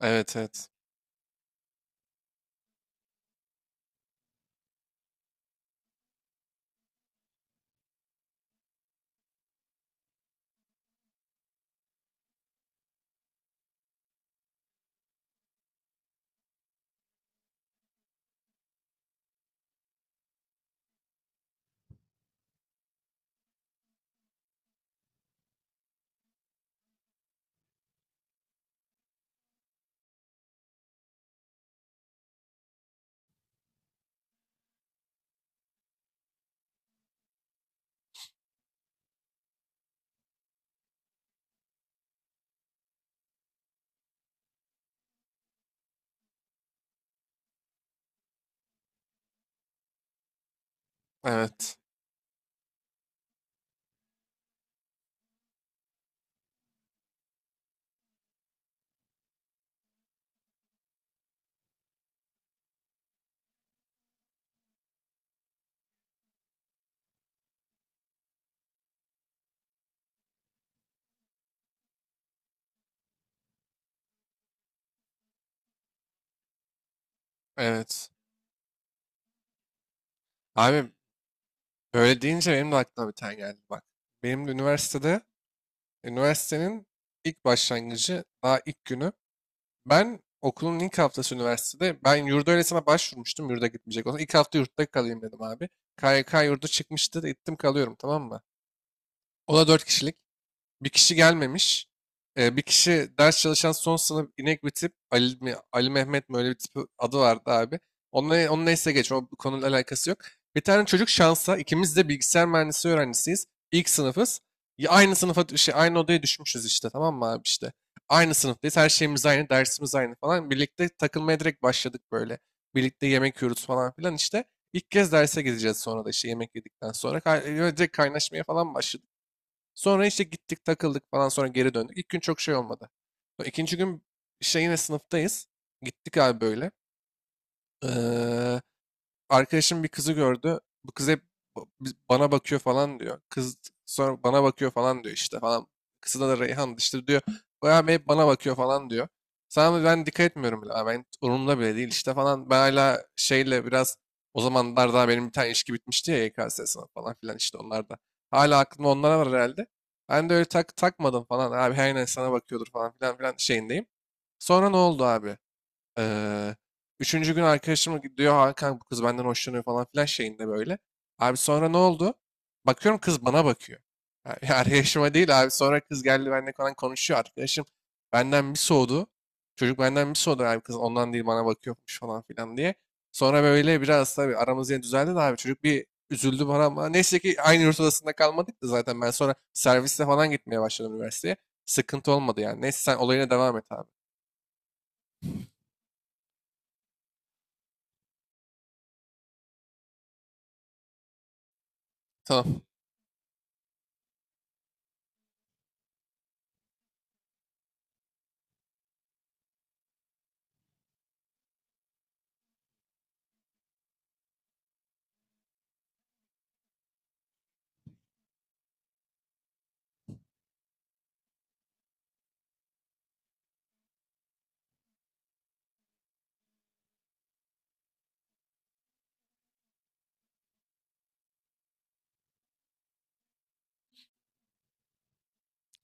Evet evet. Evet. Evet. Abi böyle deyince benim de aklıma bir tane geldi bak. Benim de üniversitede üniversitenin ilk başlangıcı, daha ilk günü. Ben okulun ilk haftası üniversitede ben yurda öylesine başvurmuştum. Yurda gitmeyecek olsam, İlk hafta yurtta kalayım dedim abi. KYK yurdu çıkmıştı. Gittim kalıyorum, tamam mı? O da 4 kişilik. Bir kişi gelmemiş. Bir kişi ders çalışan son sınıf inek bir tip. Ali mi, Ali Mehmet mi, öyle bir tip adı vardı abi. Onunla, onun neyse geç. O, bu konuyla alakası yok. Bir tane çocuk, şansa ikimiz de bilgisayar mühendisliği öğrencisiyiz. İlk sınıfız. Ya aynı sınıfa şey, aynı odaya düşmüşüz işte, tamam mı abi, işte. Aynı sınıftayız. Her şeyimiz aynı. Dersimiz aynı falan. Birlikte takılmaya direkt başladık böyle. Birlikte yemek yiyoruz falan filan işte. İlk kez derse gideceğiz, sonra da işte yemek yedikten sonra. Direkt kaynaşmaya falan başladık. Sonra işte gittik takıldık falan, sonra geri döndük. İlk gün çok şey olmadı. İkinci gün işte yine sınıftayız. Gittik abi böyle. Ee, Arkadaşım bir kızı gördü. Bu kız hep bana bakıyor falan diyor. Kız sonra bana bakıyor falan diyor işte falan. Kızına da Reyhan işte diyor. O abi hep bana bakıyor falan diyor. Sana ben dikkat etmiyorum bile. Abi, ben umurumda bile değil işte falan. Ben hala şeyle biraz, o zamanlar daha benim bir tane ilişki bitmişti ya, YKS sınavı falan filan, işte onlar da. Hala aklımda onlara var herhalde. Ben de öyle tak takmadım falan. Abi her neyse, sana bakıyordur falan filan şeyindeyim. Sonra ne oldu abi? Eee, Üçüncü gün arkadaşım diyor, Hakan, bu kız benden hoşlanıyor falan filan şeyinde böyle. Abi sonra ne oldu? Bakıyorum kız bana bakıyor. Yani arkadaşıma değil abi, sonra kız geldi, benimle falan konuşuyor. Arkadaşım benden bir soğudu. Çocuk benden bir soğudu abi, kız ondan değil bana bakıyormuş falan filan diye. Sonra böyle biraz tabii aramız yine düzeldi de abi, çocuk bir üzüldü bana, ama neyse ki aynı yurt odasında kalmadık da, zaten ben sonra servisle falan gitmeye başladım üniversiteye. Sıkıntı olmadı yani. Neyse, sen olayına devam et abi. Tamam.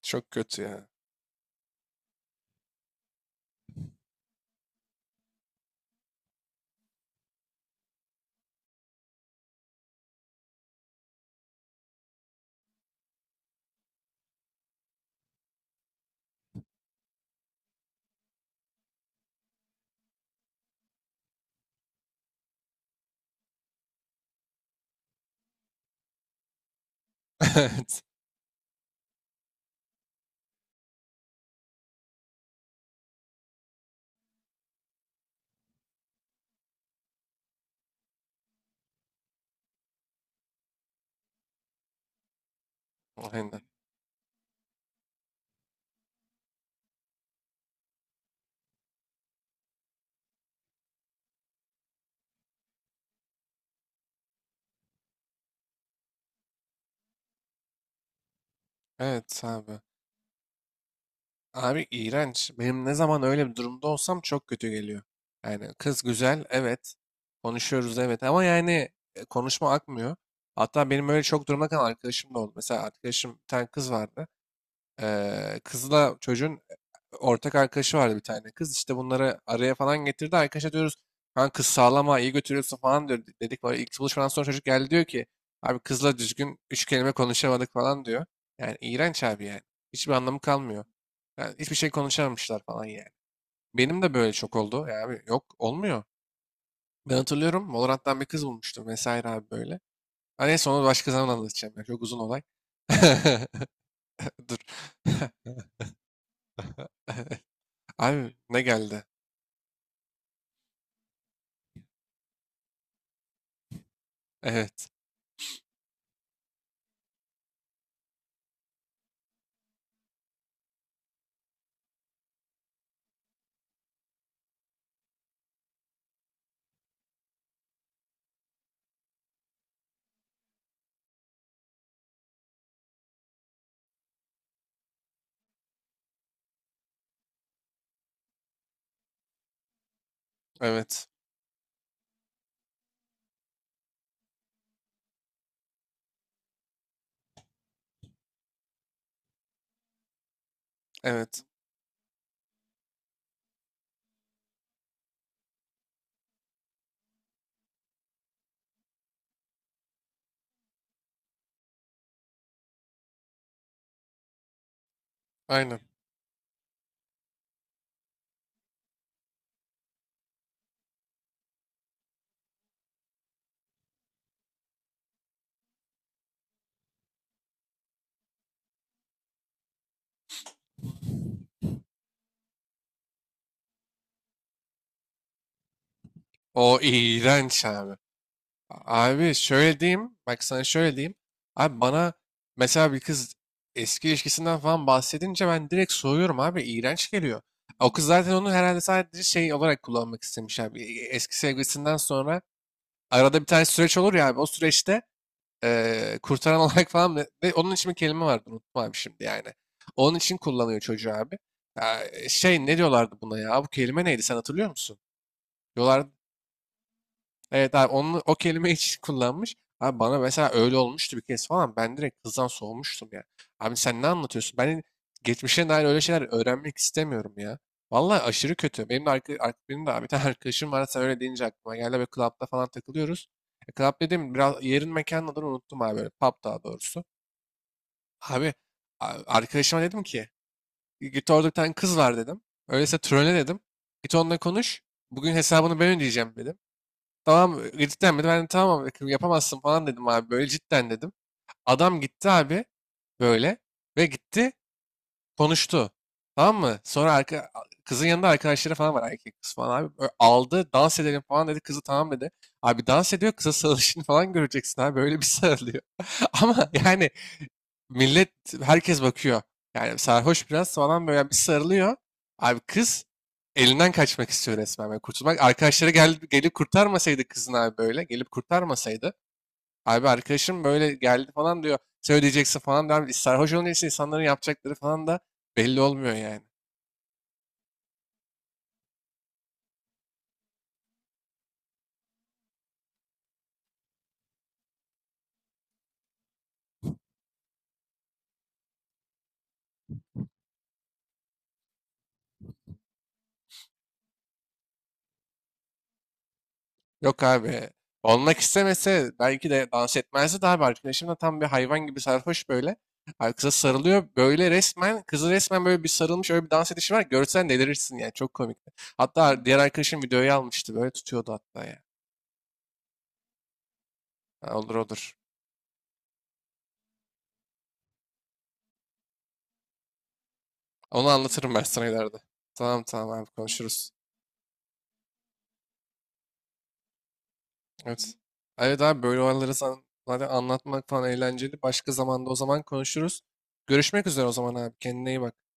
Çok kötü ya. Evet. Aynen. Evet abi. Abi iğrenç. Benim ne zaman öyle bir durumda olsam çok kötü geliyor. Yani kız güzel, evet. Konuşuyoruz evet, ama yani konuşma akmıyor. Hatta benim öyle çok durumda kalan arkadaşım da oldu. Mesela arkadaşım, bir tane kız vardı. Kızla çocuğun ortak arkadaşı vardı, bir tane kız. İşte bunları araya falan getirdi. Arkadaşa diyoruz, kan kız sağlama, iyi götürüyorsun falan diyor. Dedik böyle. İlk buluşmadan sonra çocuk geldi, diyor ki abi, kızla düzgün üç kelime konuşamadık falan diyor. Yani iğrenç abi yani. Hiçbir anlamı kalmıyor. Yani hiçbir şey konuşamamışlar falan yani. Benim de böyle çok oldu. Ya abi, yok olmuyor. Ben hatırlıyorum, Valorant'tan bir kız bulmuştum vesaire abi böyle. Hani neyse, onu başka zaman anlatacağım ya. Çok uzun olay. Dur. Abi ne geldi? Evet. Evet. Evet. Aynen. O iğrenç abi. Abi şöyle diyeyim. Bak sana şöyle diyeyim. Abi bana mesela bir kız eski ilişkisinden falan bahsedince ben direkt soğuyorum abi. İğrenç geliyor. O kız zaten onu herhalde sadece şey olarak kullanmak istemiş abi. E, eski sevgilisinden sonra arada bir tane süreç olur ya abi. O süreçte kurtaran olarak falan, onun için bir kelime vardı, unuttum abi şimdi yani. Onun için kullanıyor çocuğu abi. Ya, şey, ne diyorlardı buna ya? Bu kelime neydi, sen hatırlıyor musun? Diyorlardı. Evet abi, onu o kelime hiç kullanmış. Abi bana mesela öyle olmuştu bir kez falan. Ben direkt kızdan soğumuştum ya. Abi sen ne anlatıyorsun? Ben geçmişe dair öyle şeyler öğrenmek istemiyorum ya. Vallahi aşırı kötü. Benim de abi bir tane arkadaşım var. Sen öyle deyince aklıma geldi. Ve club'da falan takılıyoruz. Club dedim, biraz yerin mekanın adını unuttum abi. Böyle pub, daha doğrusu. Abi, arkadaşıma dedim ki, git, orada bir tane kız var dedim. Öyleyse trolle dedim. Git onunla konuş. Bugün hesabını ben ödeyeceğim dedim. Tamam, cidden mi? Ben de tamam abi, yapamazsın falan dedim abi. Böyle cidden dedim. Adam gitti abi böyle, ve gitti, konuştu. Tamam mı? Sonra kızın yanında arkadaşları falan var, erkek kız falan abi. Aldı, dans edelim falan dedi. Kızı tamam dedi. Abi dans ediyor, kıza sarılışını falan göreceksin abi. Böyle bir sarılıyor. Ama yani Millet, herkes bakıyor. Yani sarhoş biraz falan, böyle bir sarılıyor. Abi kız elinden kaçmak istiyor resmen, böyle kurtulmak. Gelip kurtarmasaydı kızın abi böyle. Gelip kurtarmasaydı. Abi arkadaşım böyle geldi falan diyor. Sen ödeyeceksin falan diyor. Sarhoş olunca işte insanların yapacakları falan da belli olmuyor yani. Yok abi. Olmak istemese belki de dans etmezdi de abi. Arkadaşım da tam bir hayvan gibi sarhoş böyle. Abi kıza sarılıyor. Böyle resmen, kızı resmen böyle bir sarılmış, öyle bir dans edişi var. Görsen delirirsin yani. Çok komikti. Hatta diğer arkadaşım videoyu almıştı. Böyle tutuyordu hatta ya. Ha, olur olur. Onu anlatırım ben sana ileride. Tamam tamam abi, konuşuruz. Evet. Evet abi, böyle olayları zaten anlatmak falan eğlenceli. Başka zamanda o zaman konuşuruz. Görüşmek üzere o zaman abi. Kendine iyi bak.